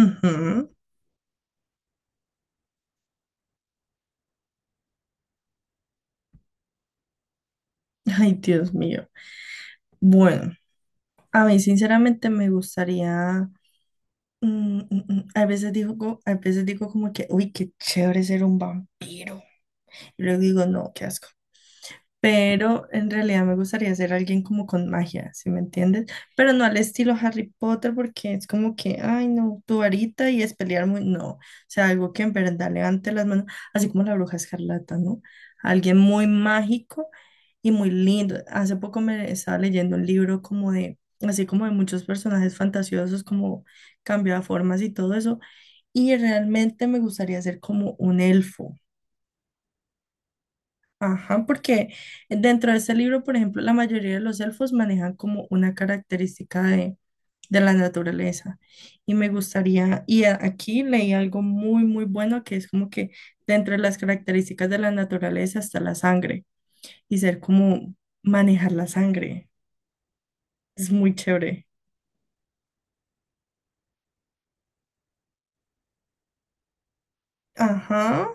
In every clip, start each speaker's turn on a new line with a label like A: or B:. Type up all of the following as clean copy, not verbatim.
A: Ujú. Ay, Dios mío. Bueno, a mí sinceramente me gustaría, a veces digo, a veces digo como que, uy, qué chévere ser un vampiro. Y luego digo, no, qué asco. Pero en realidad me gustaría ser alguien como con magia, ¿sí me entiendes? Pero no al estilo Harry Potter, porque es como que, ay, no, tu varita y es pelear muy, no, o sea, algo que en verdad levante las manos, así como la bruja escarlata, ¿no? Alguien muy mágico y muy lindo. Hace poco me estaba leyendo un libro como de, así como de muchos personajes fantasiosos, como cambio de formas y todo eso, y realmente me gustaría ser como un elfo. Ajá, porque dentro de ese libro, por ejemplo, la mayoría de los elfos manejan como una característica de la naturaleza. Y me gustaría, y aquí leí algo muy, muy bueno que es como que dentro de las características de la naturaleza está la sangre y ser como manejar la sangre. Es muy chévere. Ajá,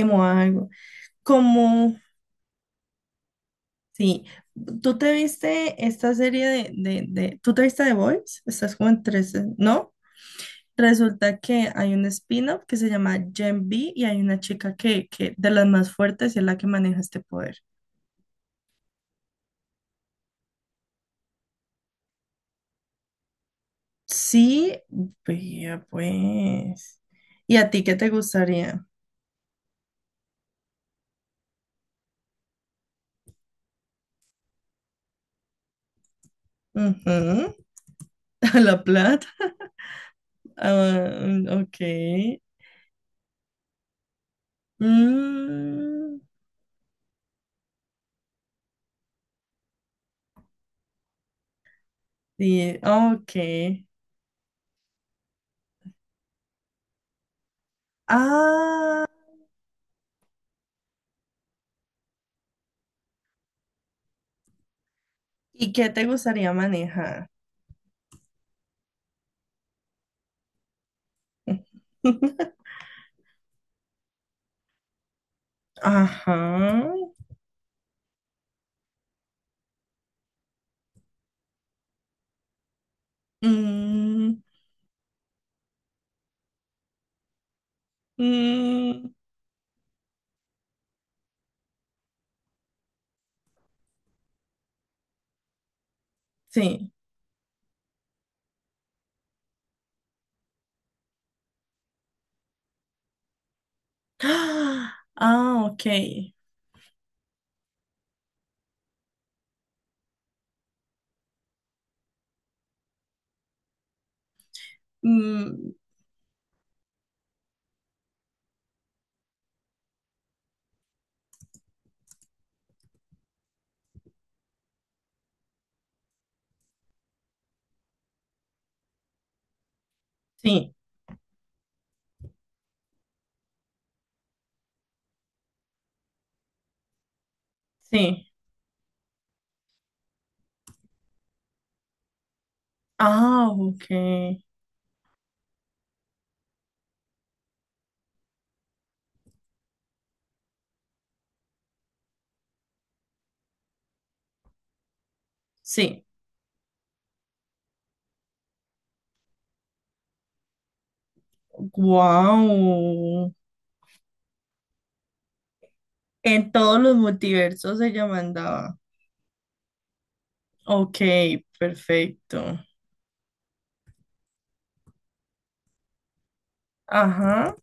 A: emo algo. Como, sí, ¿tú te viste esta serie ¿tú te viste The Boys? Estás como en 13, ¿no? Resulta que hay un spin-off que se llama Gen V y hay una chica que de las más fuertes y es la que maneja este poder. Sí, vea pues. ¿Y a ti qué te gustaría? Ujú, a la plata. Ah, ok. Mm, sí, ok. Ah, ¿y qué te gustaría manejar? Ajá. Mm, mm, sí. Ah, ah, ok. Mm, sí, sí. Ah, ok. Sí. Wow. En todos los multiversos ella mandaba. Ok, perfecto. Ajá.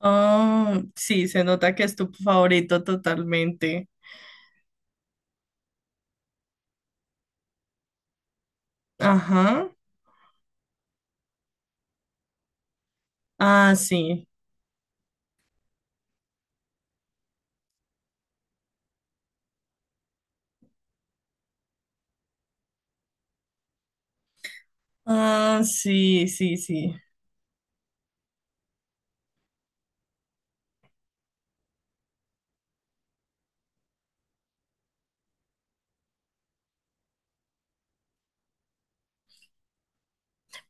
A: Ah, sí, se nota que es tu favorito totalmente. Ajá. Ah, sí. Ah, sí, sí, sí.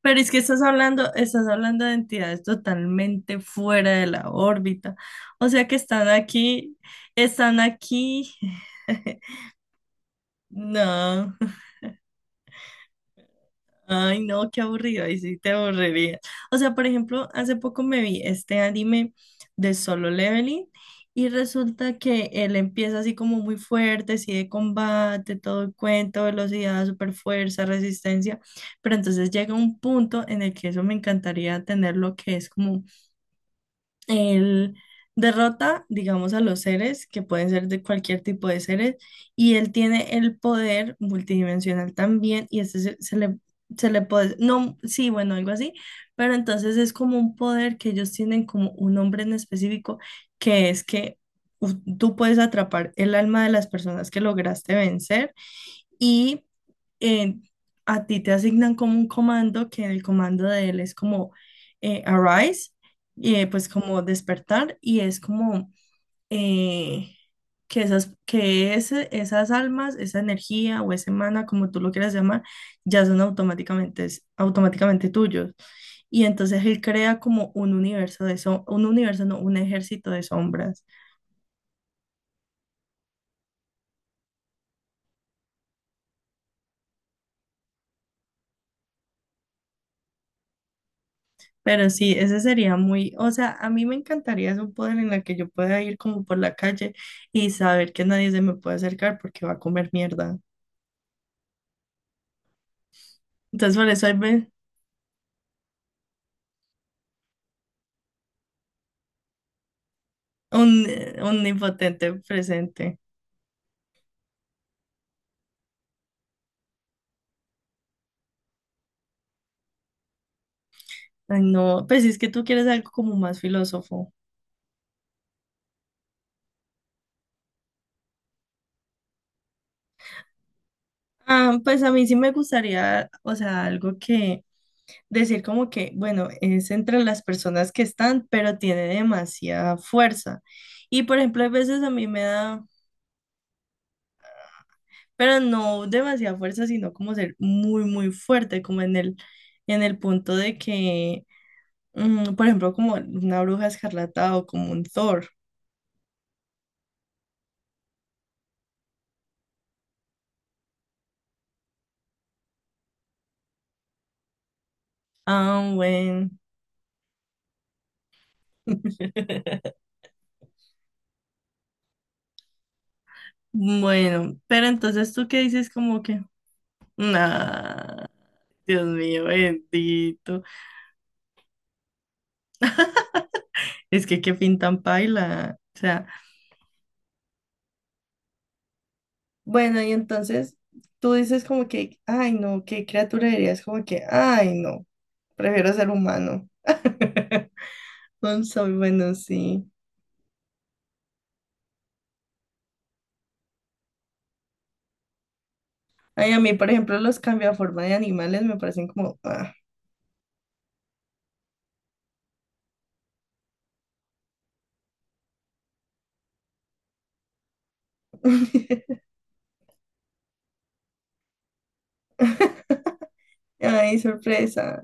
A: Pero es que estás hablando de entidades totalmente fuera de la órbita. O sea que están aquí, están aquí. No, ay no, qué aburrido, ahí sí te aburriría. O sea, por ejemplo, hace poco me vi este anime de Solo Leveling y resulta que él empieza así como muy fuerte, así de combate, todo el cuento, velocidad, super fuerza, resistencia, pero entonces llega un punto en el que eso me encantaría tener lo que es como él derrota, digamos, a los seres, que pueden ser de cualquier tipo de seres, y él tiene el poder multidimensional también, y este se le puede, no, sí, bueno, algo así, pero entonces es como un poder que ellos tienen como un nombre en específico, que es que tú puedes atrapar el alma de las personas que lograste vencer y eh, a ti te asignan como un comando que el comando de él es como arise, pues como despertar y es como eh, que esas, que esas almas, esa energía o ese mana, como tú lo quieras llamar, ya son automáticamente, automáticamente tuyos. Y entonces él crea como un universo de un universo, no, un ejército de sombras. Pero sí, ese sería muy, o sea, a mí me encantaría es un poder en la que yo pueda ir como por la calle y saber que nadie se me puede acercar porque va a comer mierda. Entonces, por eso hay ve- un impotente presente. Ay, no, pues es que tú quieres algo como más filósofo. Ah, pues a mí sí me gustaría, o sea, algo que decir como que, bueno, es entre las personas que están, pero tiene demasiada fuerza. Y por ejemplo, a veces a mí me da pero no demasiada fuerza, sino como ser muy, muy fuerte, como en el punto de que, por ejemplo, como una bruja escarlata o como un Thor. Ah, bueno. Bueno, pero entonces tú qué dices como que, nah, Dios mío, bendito, es que qué pintan paila, o sea, bueno, y entonces tú dices como que, ay no, qué criatura dirías como que, ay no, prefiero ser humano. Son, muy buenos, sí. Ay, a mí, por ejemplo, los cambia forma de animales me parecen como... ah. Ay, sorpresa.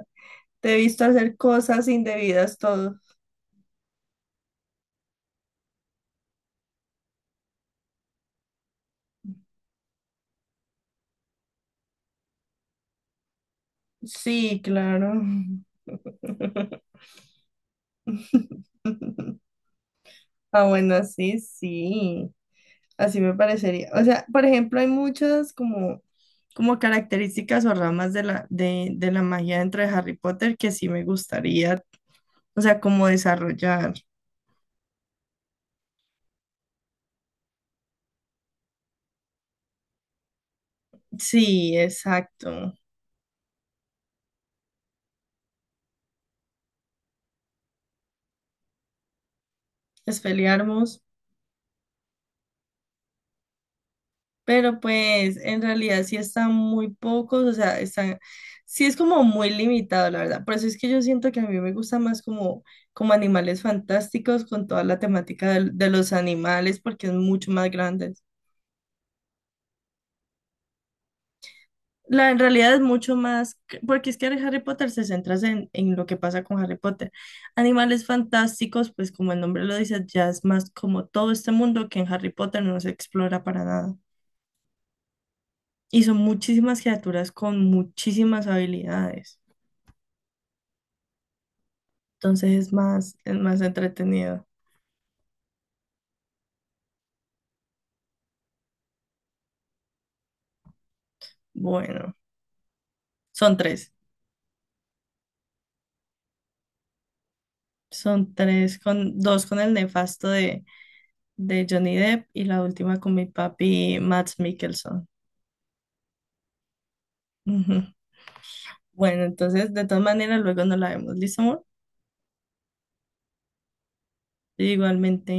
A: Te he visto hacer cosas indebidas todo. Sí, claro. Ah, bueno, sí, sí. Así me parecería. O sea, por ejemplo, hay muchas como, como características o ramas de de la magia dentro de Harry Potter que sí me gustaría, o sea, como desarrollar. Sí, exacto. Es pero pues en realidad sí están muy pocos, o sea, están, sí es como muy limitado, la verdad. Por eso es que yo siento que a mí me gusta más como, como animales fantásticos con toda la temática de los animales, porque es mucho más grande. La, en realidad es mucho más, que- porque es que Harry Potter se centra en lo que pasa con Harry Potter. Animales fantásticos, pues como el nombre lo dice, ya es más como todo este mundo que en Harry Potter no se explora para nada. Y son muchísimas criaturas con muchísimas habilidades. Entonces es más entretenido. Bueno, son tres. Son tres con dos con el nefasto de Johnny Depp y la última con mi papi Mads Mikkelsen. Ujú. Bueno, entonces de todas maneras luego nos la vemos. ¿Listo, amor? Igualmente.